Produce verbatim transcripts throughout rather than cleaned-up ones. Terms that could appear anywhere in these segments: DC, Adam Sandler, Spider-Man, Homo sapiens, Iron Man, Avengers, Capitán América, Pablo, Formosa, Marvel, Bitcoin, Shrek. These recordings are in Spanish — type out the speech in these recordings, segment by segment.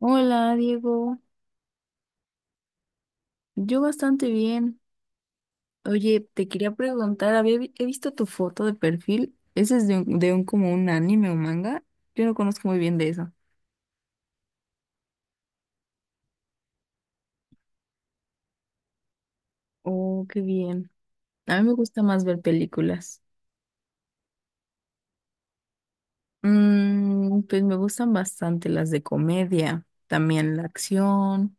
Hola, Diego. Yo bastante bien. Oye, te quería preguntar, había vi- he visto tu foto de perfil. ¿Ese es de un, de un como un anime o manga? Yo no conozco muy bien de eso. Oh, qué bien. A mí me gusta más ver películas. Mm, pues me gustan bastante las de comedia, también la acción,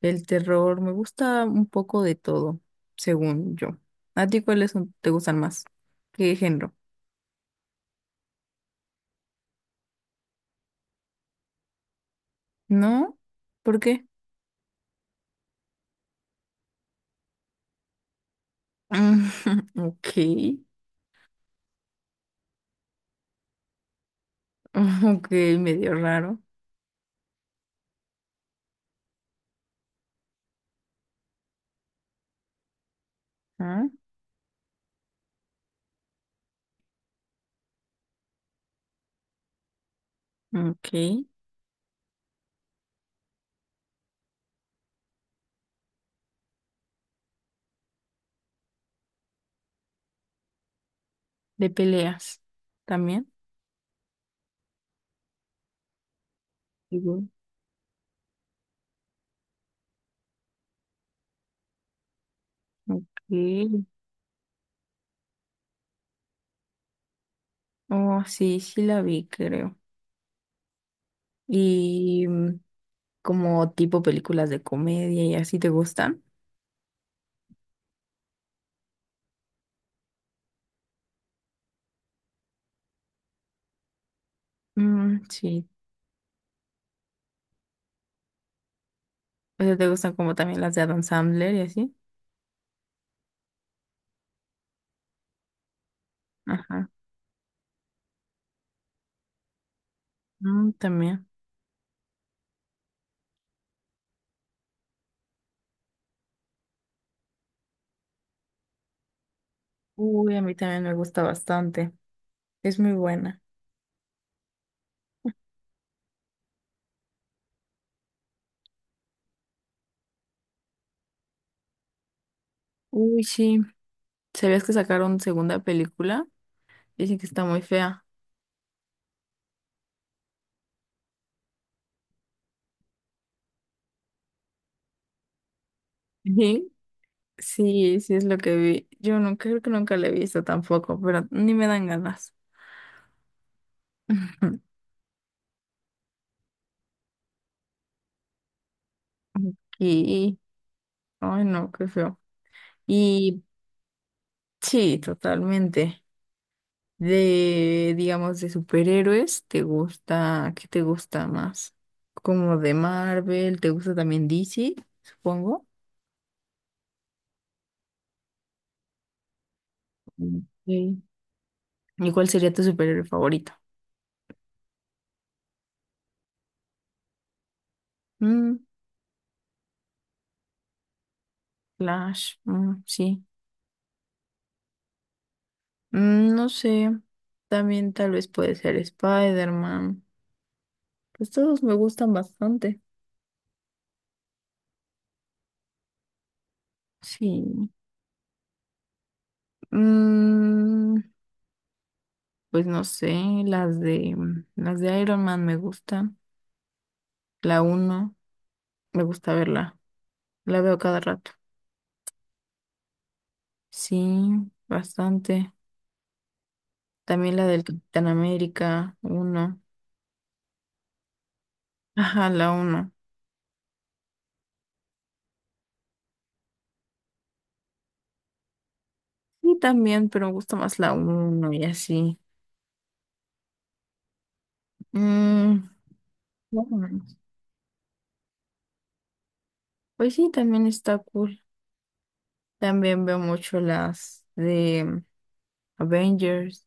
el terror. Me gusta un poco de todo, según yo. ¿A ti cuáles son- te gustan más? ¿Qué género? ¿No? ¿Por qué? Ok. Ok, medio raro. Ah, ok. De peleas también. Digo, ok. Oh, sí, sí la vi, creo. Y mm, como tipo películas de comedia y así te gustan. Mm, sí. O sea, te gustan como también las de Adam Sandler y así. Ajá. Mm, también. Uy, a mí también me gusta bastante. Es muy buena. Uy, sí. ¿Sabías que sacaron segunda película? Dicen que está muy fea. Sí, sí es lo que vi. Yo no creo que nunca la he visto tampoco, pero ni me dan ganas. Y, ay no, qué feo. Y sí, totalmente. De, digamos, de superhéroes, ¿te gusta? ¿Qué te gusta más? Como de Marvel, ¿te gusta también D C, supongo? Mm, sí. ¿Y cuál sería tu superhéroe favorito? Mm, Flash, mm, sí. Mm, no sé. También tal vez puede ser Spider-Man. Pues todos me gustan bastante. Sí. Mm, pues no sé, las de mm, las de Iron Man me gustan. La uno me gusta verla. La veo cada rato. Sí, bastante. También la del Capitán América uno. Ajá, la uno. Y también, pero me gusta más la uno y así. Mm, más o menos. Pues sí, también está cool. También veo mucho las de mm, Avengers,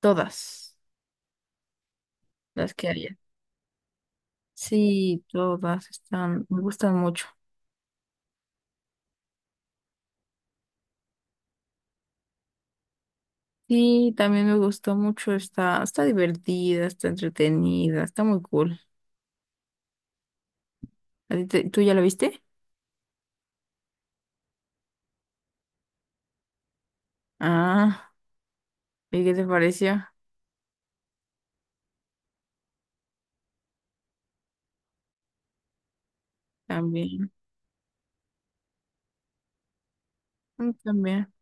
todas las que hay. Sí, todas están, me gustan mucho. Sí, también me gustó mucho, está, está divertida, está entretenida, está muy cool. ¿A ti te- ¿Tú ya la viste? Ah, ¿y qué te pareció? También, mm, también,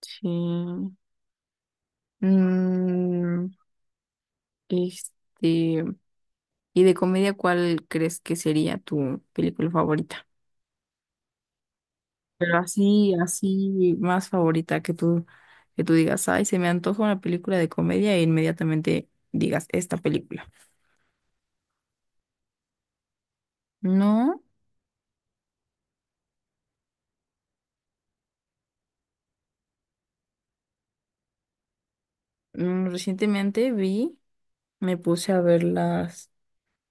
sí. Mm, este, ¿Y de comedia cuál crees que sería tu película favorita? Pero así, así, más favorita que tú, que tú digas, ay, se me antoja una película de comedia e inmediatamente digas esta película. No, mm, recientemente vi, me puse a ver las,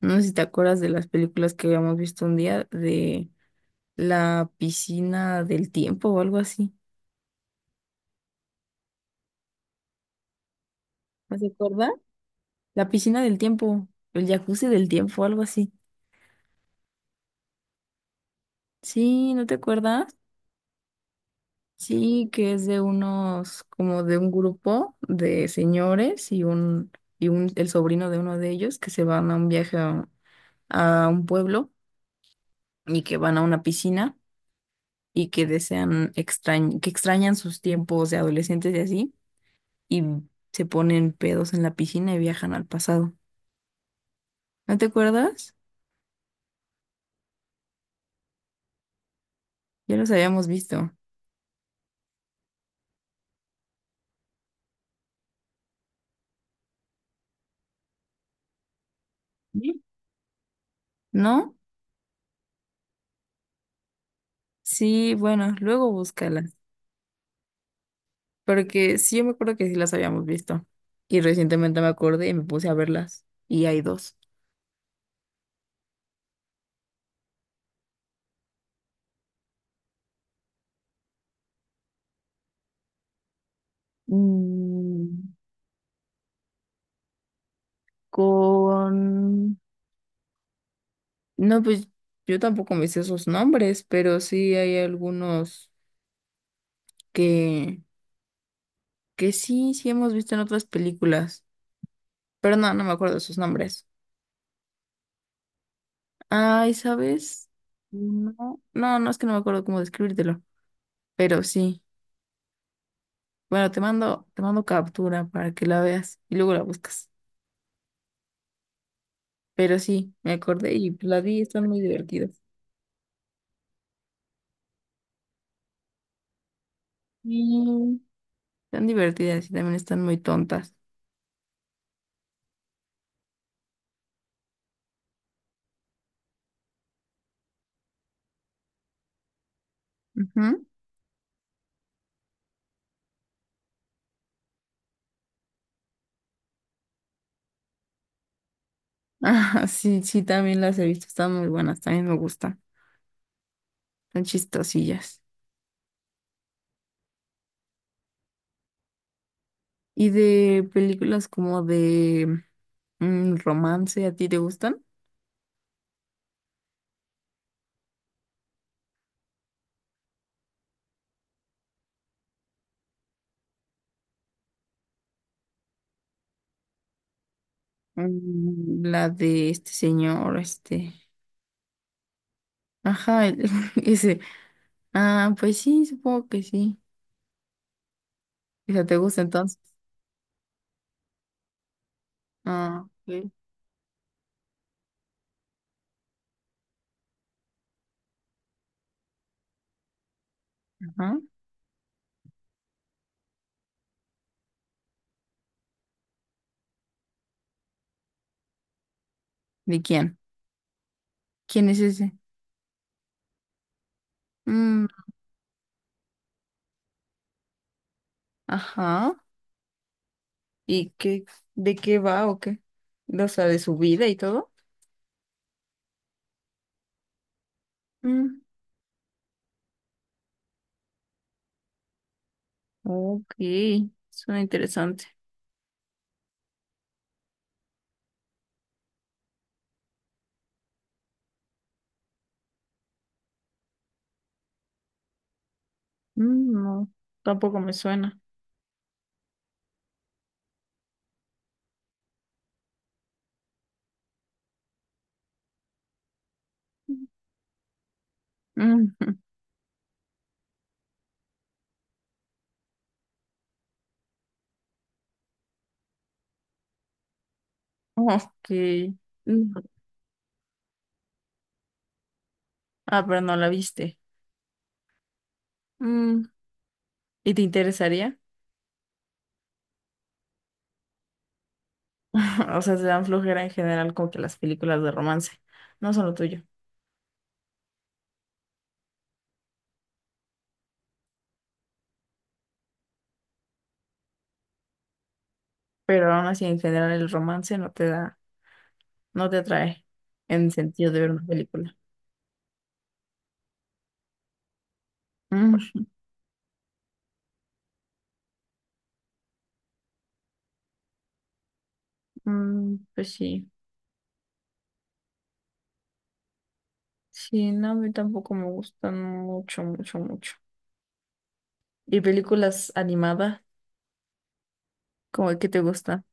no sé si te acuerdas de las películas que habíamos visto un día de la piscina del tiempo o algo así. ¿No te acuerdas? La piscina del tiempo, el jacuzzi del tiempo, algo así. Sí, ¿no te acuerdas? Sí, que es de unos, como de un grupo de señores y un, y un, el sobrino de uno de ellos que se van a un viaje a a un pueblo y que van a una piscina, y que desean extrañ que extrañan sus tiempos de adolescentes y así, y se ponen pedos en la piscina y viajan al pasado. ¿No te acuerdas? Ya los habíamos visto. ¿Sí? ¿No? Sí, bueno, luego búscalas, porque sí, yo me acuerdo que sí las habíamos visto. Y recientemente me acordé y me puse a verlas. Y hay dos. Mm, con... No, pues yo tampoco me sé esos nombres, pero sí hay algunos que que sí, sí hemos visto en otras películas, pero no, no me acuerdo de sus nombres. Ay, ¿sabes? No, no, no es que no me acuerdo cómo describírtelo, pero sí. Bueno, te mando, te mando captura para que la veas y luego la buscas. Pero sí, me acordé y pues la vi, están muy divertidas. Sí, están divertidas y también están muy tontas. Ujú. Ah, sí, sí, también las he visto, están muy buenas, también me gustan, son chistosillas. Y de películas como de mm, romance, ¿a ti te gustan? Mm, La de este señor, este. Ajá, el- ese. Ah, pues sí, supongo que sí. O sea, ¿te gusta entonces? Ah, ok. Ajá. ¿De quién? ¿Quién es ese? Mm, ajá. ¿Y qué, de qué va o qué? O sea, de su vida y todo. Mm, ok, suena interesante. Mm, no, tampoco me suena. Mm, ok. Mm. Ah, pero no la viste. Mm. ¿Y te interesaría? O sea, te dan flojera en general como que las películas de romance. No son lo tuyo. Pero aún así, en general, el romance no te da, no te atrae en el sentido de ver una película. Mm. Mm, pues sí. Sí, no, a mí tampoco me gustan mucho, mucho, mucho. ¿Y películas animadas? ¿Cómo que te gusta?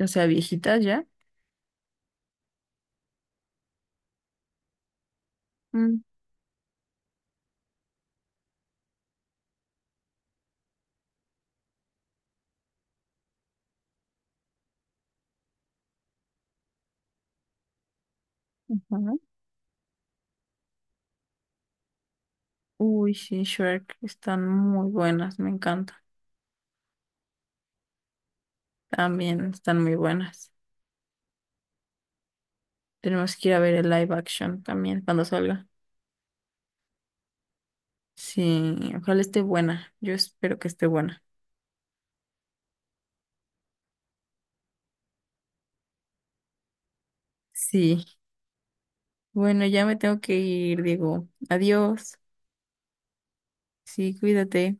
O sea, viejitas ya. Mm. Ujú. Uy, sí, Shrek están muy buenas, me encantan. También están muy buenas. Tenemos que ir a ver el live action también cuando salga. Sí, ojalá esté buena. Yo espero que esté buena. Sí. Bueno, ya me tengo que ir, digo. Adiós. Sí, cuídate.